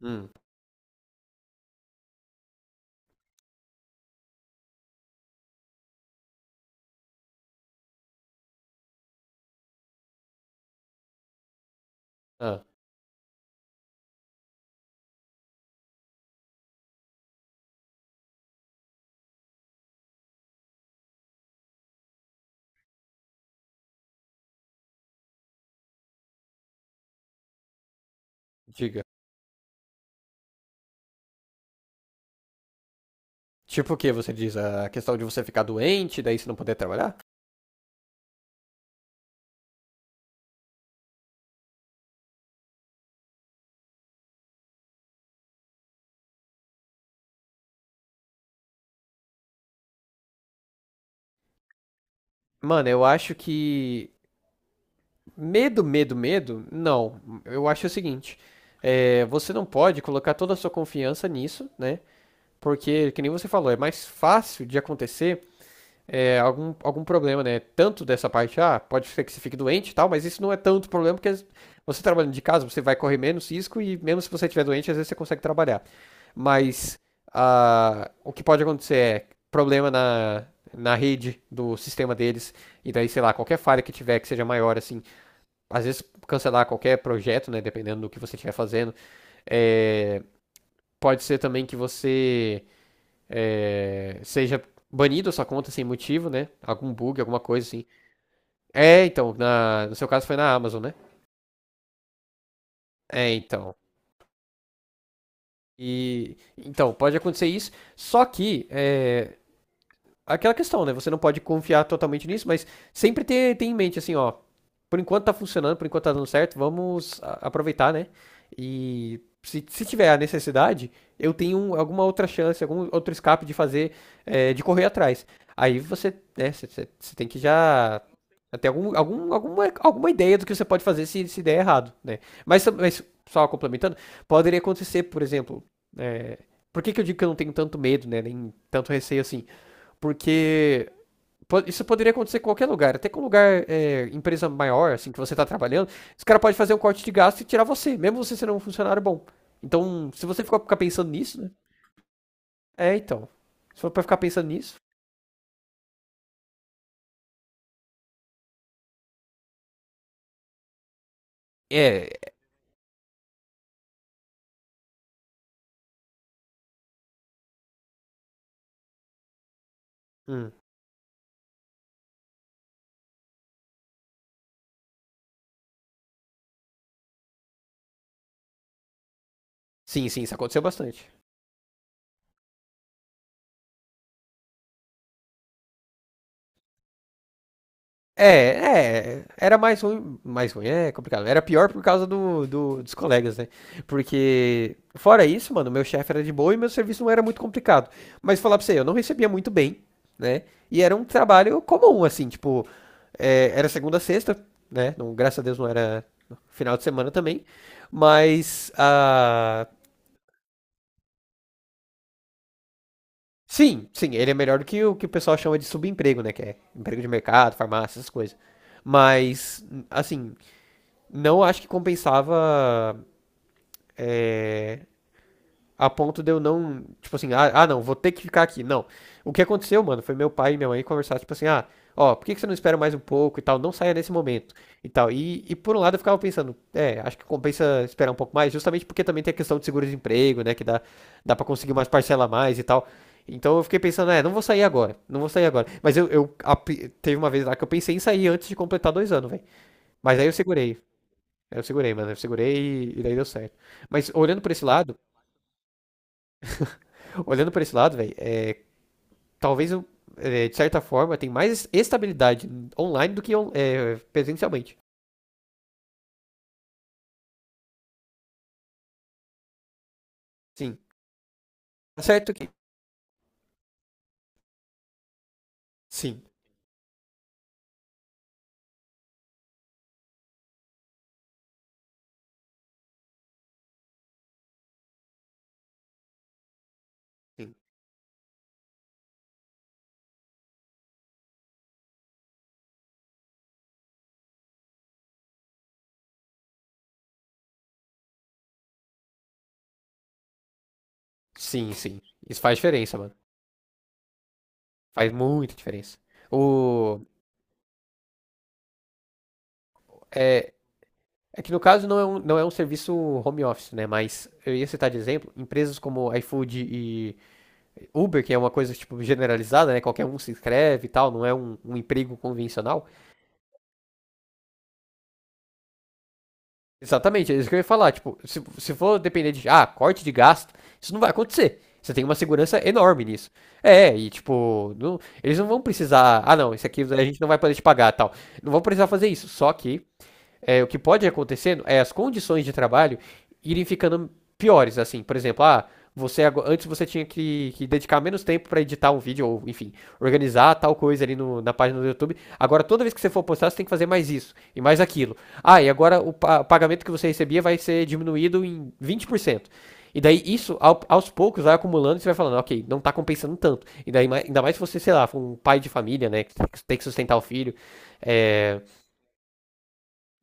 Hum. ah, Diga. Tipo o que você diz? A questão de você ficar doente, daí você não poder trabalhar? Mano, eu acho que. Medo, medo, medo? Não. Eu acho o seguinte: você não pode colocar toda a sua confiança nisso, né? Porque, que nem você falou, é mais fácil de acontecer algum problema, né? Tanto dessa parte, pode ser que você fique doente e tal, mas isso não é tanto problema, porque você trabalhando de casa, você vai correr menos risco e mesmo se você estiver doente, às vezes você consegue trabalhar. Mas o que pode acontecer é problema na rede do sistema deles, e daí, sei lá, qualquer falha que tiver que seja maior, assim, às vezes cancelar qualquer projeto, né, dependendo do que você estiver fazendo, é, pode ser também que você seja banido a sua conta sem motivo, né? Algum bug, alguma coisa assim. É, então, no seu caso foi na Amazon, né? É, então. E então pode acontecer isso, só que é aquela questão, né? Você não pode confiar totalmente nisso, mas sempre ter em mente assim, ó, por enquanto tá funcionando, por enquanto tá dando certo, vamos aproveitar, né? E se tiver a necessidade, eu tenho alguma outra chance, algum outro escape de fazer, de correr atrás. Aí você, né, você tem que já ter alguma ideia do que você pode fazer se der errado, né? Mas só complementando, poderia acontecer, por exemplo, é, por que que eu digo que eu não tenho tanto medo, né, nem tanto receio assim? Porque isso poderia acontecer em qualquer lugar, até com um lugar, empresa maior, assim, que você tá trabalhando, os caras podem fazer um corte de gasto e tirar você, mesmo você sendo um funcionário bom. Então, se você ficar pensando nisso, né? É, então. Se for pra ficar pensando nisso. É. hum, Sim, sim, isso aconteceu bastante. É, é, era mais ruim, é complicado. Era pior por causa dos colegas, né? Porque, fora isso, mano, meu chefe era de boa e meu serviço não era muito complicado. Mas falar pra você, eu não recebia muito bem, né? E era um trabalho comum, assim, tipo, era segunda a sexta, né? Não, graças a Deus não era final de semana também. Mas, sim, sim, ele é melhor do que o pessoal chama de subemprego, né? Que é emprego de mercado, farmácia, essas coisas. Mas, assim, não acho que compensava é, a ponto de eu não, tipo assim, não, vou ter que ficar aqui. Não. O que aconteceu, mano, foi meu pai e minha mãe conversar, tipo assim, ó, por que que você não espera mais um pouco e tal, não saia nesse momento e tal. E por um lado eu ficava pensando, acho que compensa esperar um pouco mais, justamente porque também tem a questão de seguro-desemprego, né, que dá pra conseguir umas parcelas a mais e tal. Então eu fiquei pensando, não vou sair agora, não vou sair agora. Mas teve uma vez lá que eu pensei em sair antes de completar 2 anos, velho. Mas aí eu segurei. Eu segurei, mano. Eu segurei e daí deu certo. Mas olhando por esse lado, olhando por esse lado, velho, talvez eu, de certa forma, tem mais estabilidade online do que presencialmente. Sim. Tá certo que. Sim. Sim, sim. Sim. Isso faz diferença, mano. Faz muita diferença. O. É, é que no caso não é um serviço home office, né? Mas eu ia citar de exemplo, empresas como iFood e Uber, que é uma coisa tipo generalizada, né? Qualquer um se inscreve e tal, não é um emprego convencional. Exatamente, é isso que eu ia falar. Tipo, se for depender de, corte de gasto, isso não vai acontecer. Você tem uma segurança enorme nisso. É, e tipo, eles não vão precisar, ah não, isso aqui a gente não vai poder te pagar, tal. Não vão precisar fazer isso. Só que o que pode acontecer é as condições de trabalho irem ficando piores, assim, por exemplo, ah, você antes você tinha que dedicar menos tempo para editar um vídeo ou enfim organizar tal coisa ali na página do YouTube. Agora, toda vez que você for postar, você tem que fazer mais isso e mais aquilo. Ah, e agora o pagamento que você recebia vai ser diminuído em 20%, e daí isso aos poucos vai acumulando e você vai falando: ok, não tá compensando tanto. E daí, ainda mais se você, sei lá, for um pai de família, né, que tem que sustentar o filho, é,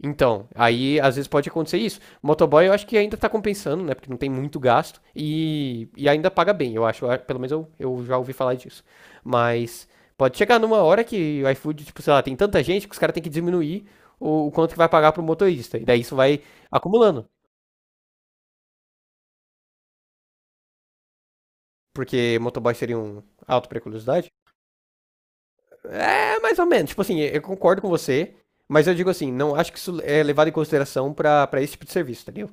então, aí às vezes pode acontecer isso. O motoboy eu acho que ainda tá compensando, né? Porque não tem muito gasto e ainda paga bem, eu acho. Ah, pelo menos eu já ouvi falar disso. Mas pode chegar numa hora que o iFood, tipo, sei lá, tem tanta gente que os caras têm que diminuir o quanto que vai pagar pro motorista. E daí isso vai acumulando. Porque motoboy seria um alto pra curiosidade? É, mais ou menos. Tipo assim, eu concordo com você, mas eu digo assim, não acho que isso é levado em consideração pra, esse tipo de serviço, entendeu?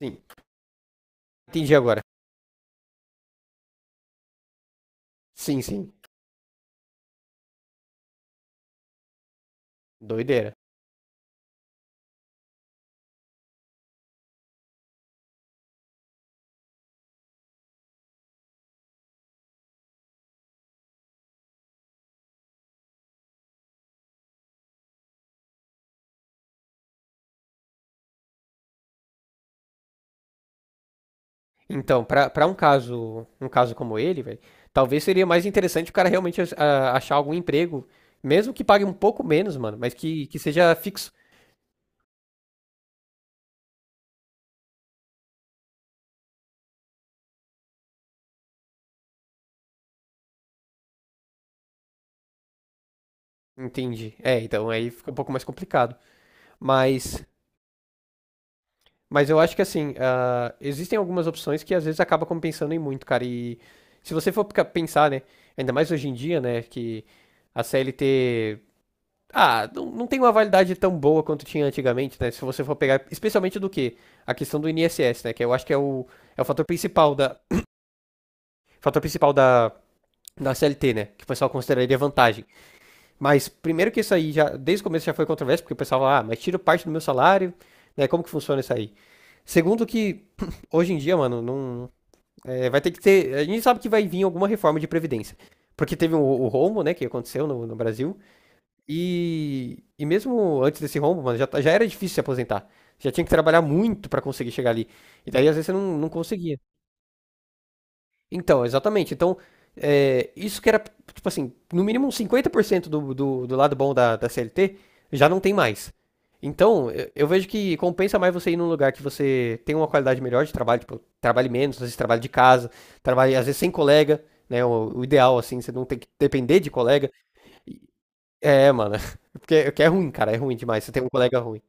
Sim. Entendi agora. Sim, sim. Doideira. Então, pra um caso como ele, velho, talvez seria mais interessante o cara realmente achar algum emprego, mesmo que pague um pouco menos, mano, mas que seja fixo. Entendi. É, então aí fica um pouco mais complicado. Mas, mas eu acho que assim, existem algumas opções que às vezes acaba compensando em muito, cara. E se você for pensar, né, ainda mais hoje em dia, né, que a CLT. Não, não tem uma validade tão boa quanto tinha antigamente, né? Se você for pegar, especialmente do que? A questão do INSS, né? Que eu acho que é o fator principal fator principal da, da CLT, né? Que o pessoal consideraria vantagem. Mas primeiro que isso aí já, desde o começo já foi controverso, porque o pessoal fala, mas tiro parte do meu salário, né? Como que funciona isso aí? Segundo que hoje em dia, mano, não é, vai ter que ter, a gente sabe que vai vir alguma reforma de previdência, porque teve o rombo, né? Que aconteceu no Brasil. E mesmo antes desse rombo, mano, já era difícil se aposentar. Já tinha que trabalhar muito pra conseguir chegar ali. E daí, às vezes, você não conseguia. Então, exatamente. Então, isso que era, tipo assim, no mínimo uns 50% do lado bom da CLT, já não tem mais. Então, eu vejo que compensa mais você ir num lugar que você tem uma qualidade melhor de trabalho, tipo, trabalhe menos, às vezes trabalhe de casa, trabalhe, às vezes, sem colega, né? O ideal, assim, você não tem que depender de colega. É, mano. Porque é ruim, cara, é ruim demais. Você tem um colega ruim.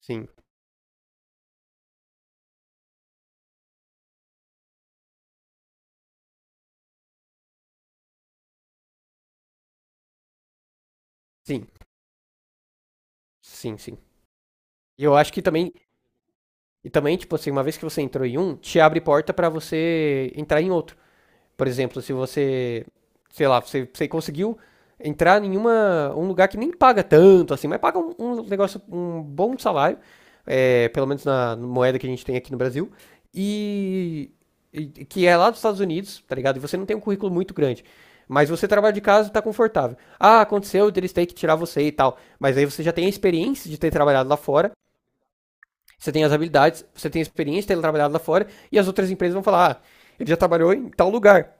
Sim, sim, sim, sim. E eu acho que também, e também, tipo assim, uma vez que você entrou em um, te abre porta pra você entrar em outro. Por exemplo, se você, sei lá, você conseguiu entrar em uma, um lugar que nem paga tanto assim, mas paga um negócio, um bom salário, pelo menos na moeda que a gente tem aqui no Brasil, e, e que é lá dos Estados Unidos, tá ligado? E você não tem um currículo muito grande. Mas você trabalha de casa e tá confortável. Ah, aconteceu, eles têm que tirar você e tal. Mas aí você já tem a experiência de ter trabalhado lá fora, você tem as habilidades, você tem a experiência de ter trabalhado lá fora, e as outras empresas vão falar, ele já trabalhou em tal lugar,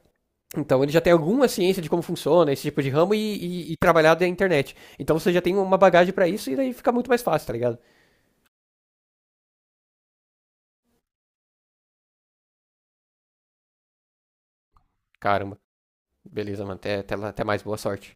então ele já tem alguma ciência de como funciona esse tipo de ramo e trabalhar da internet. Então você já tem uma bagagem pra isso e daí fica muito mais fácil, tá ligado? Caramba, beleza, mano. Até mais, boa sorte.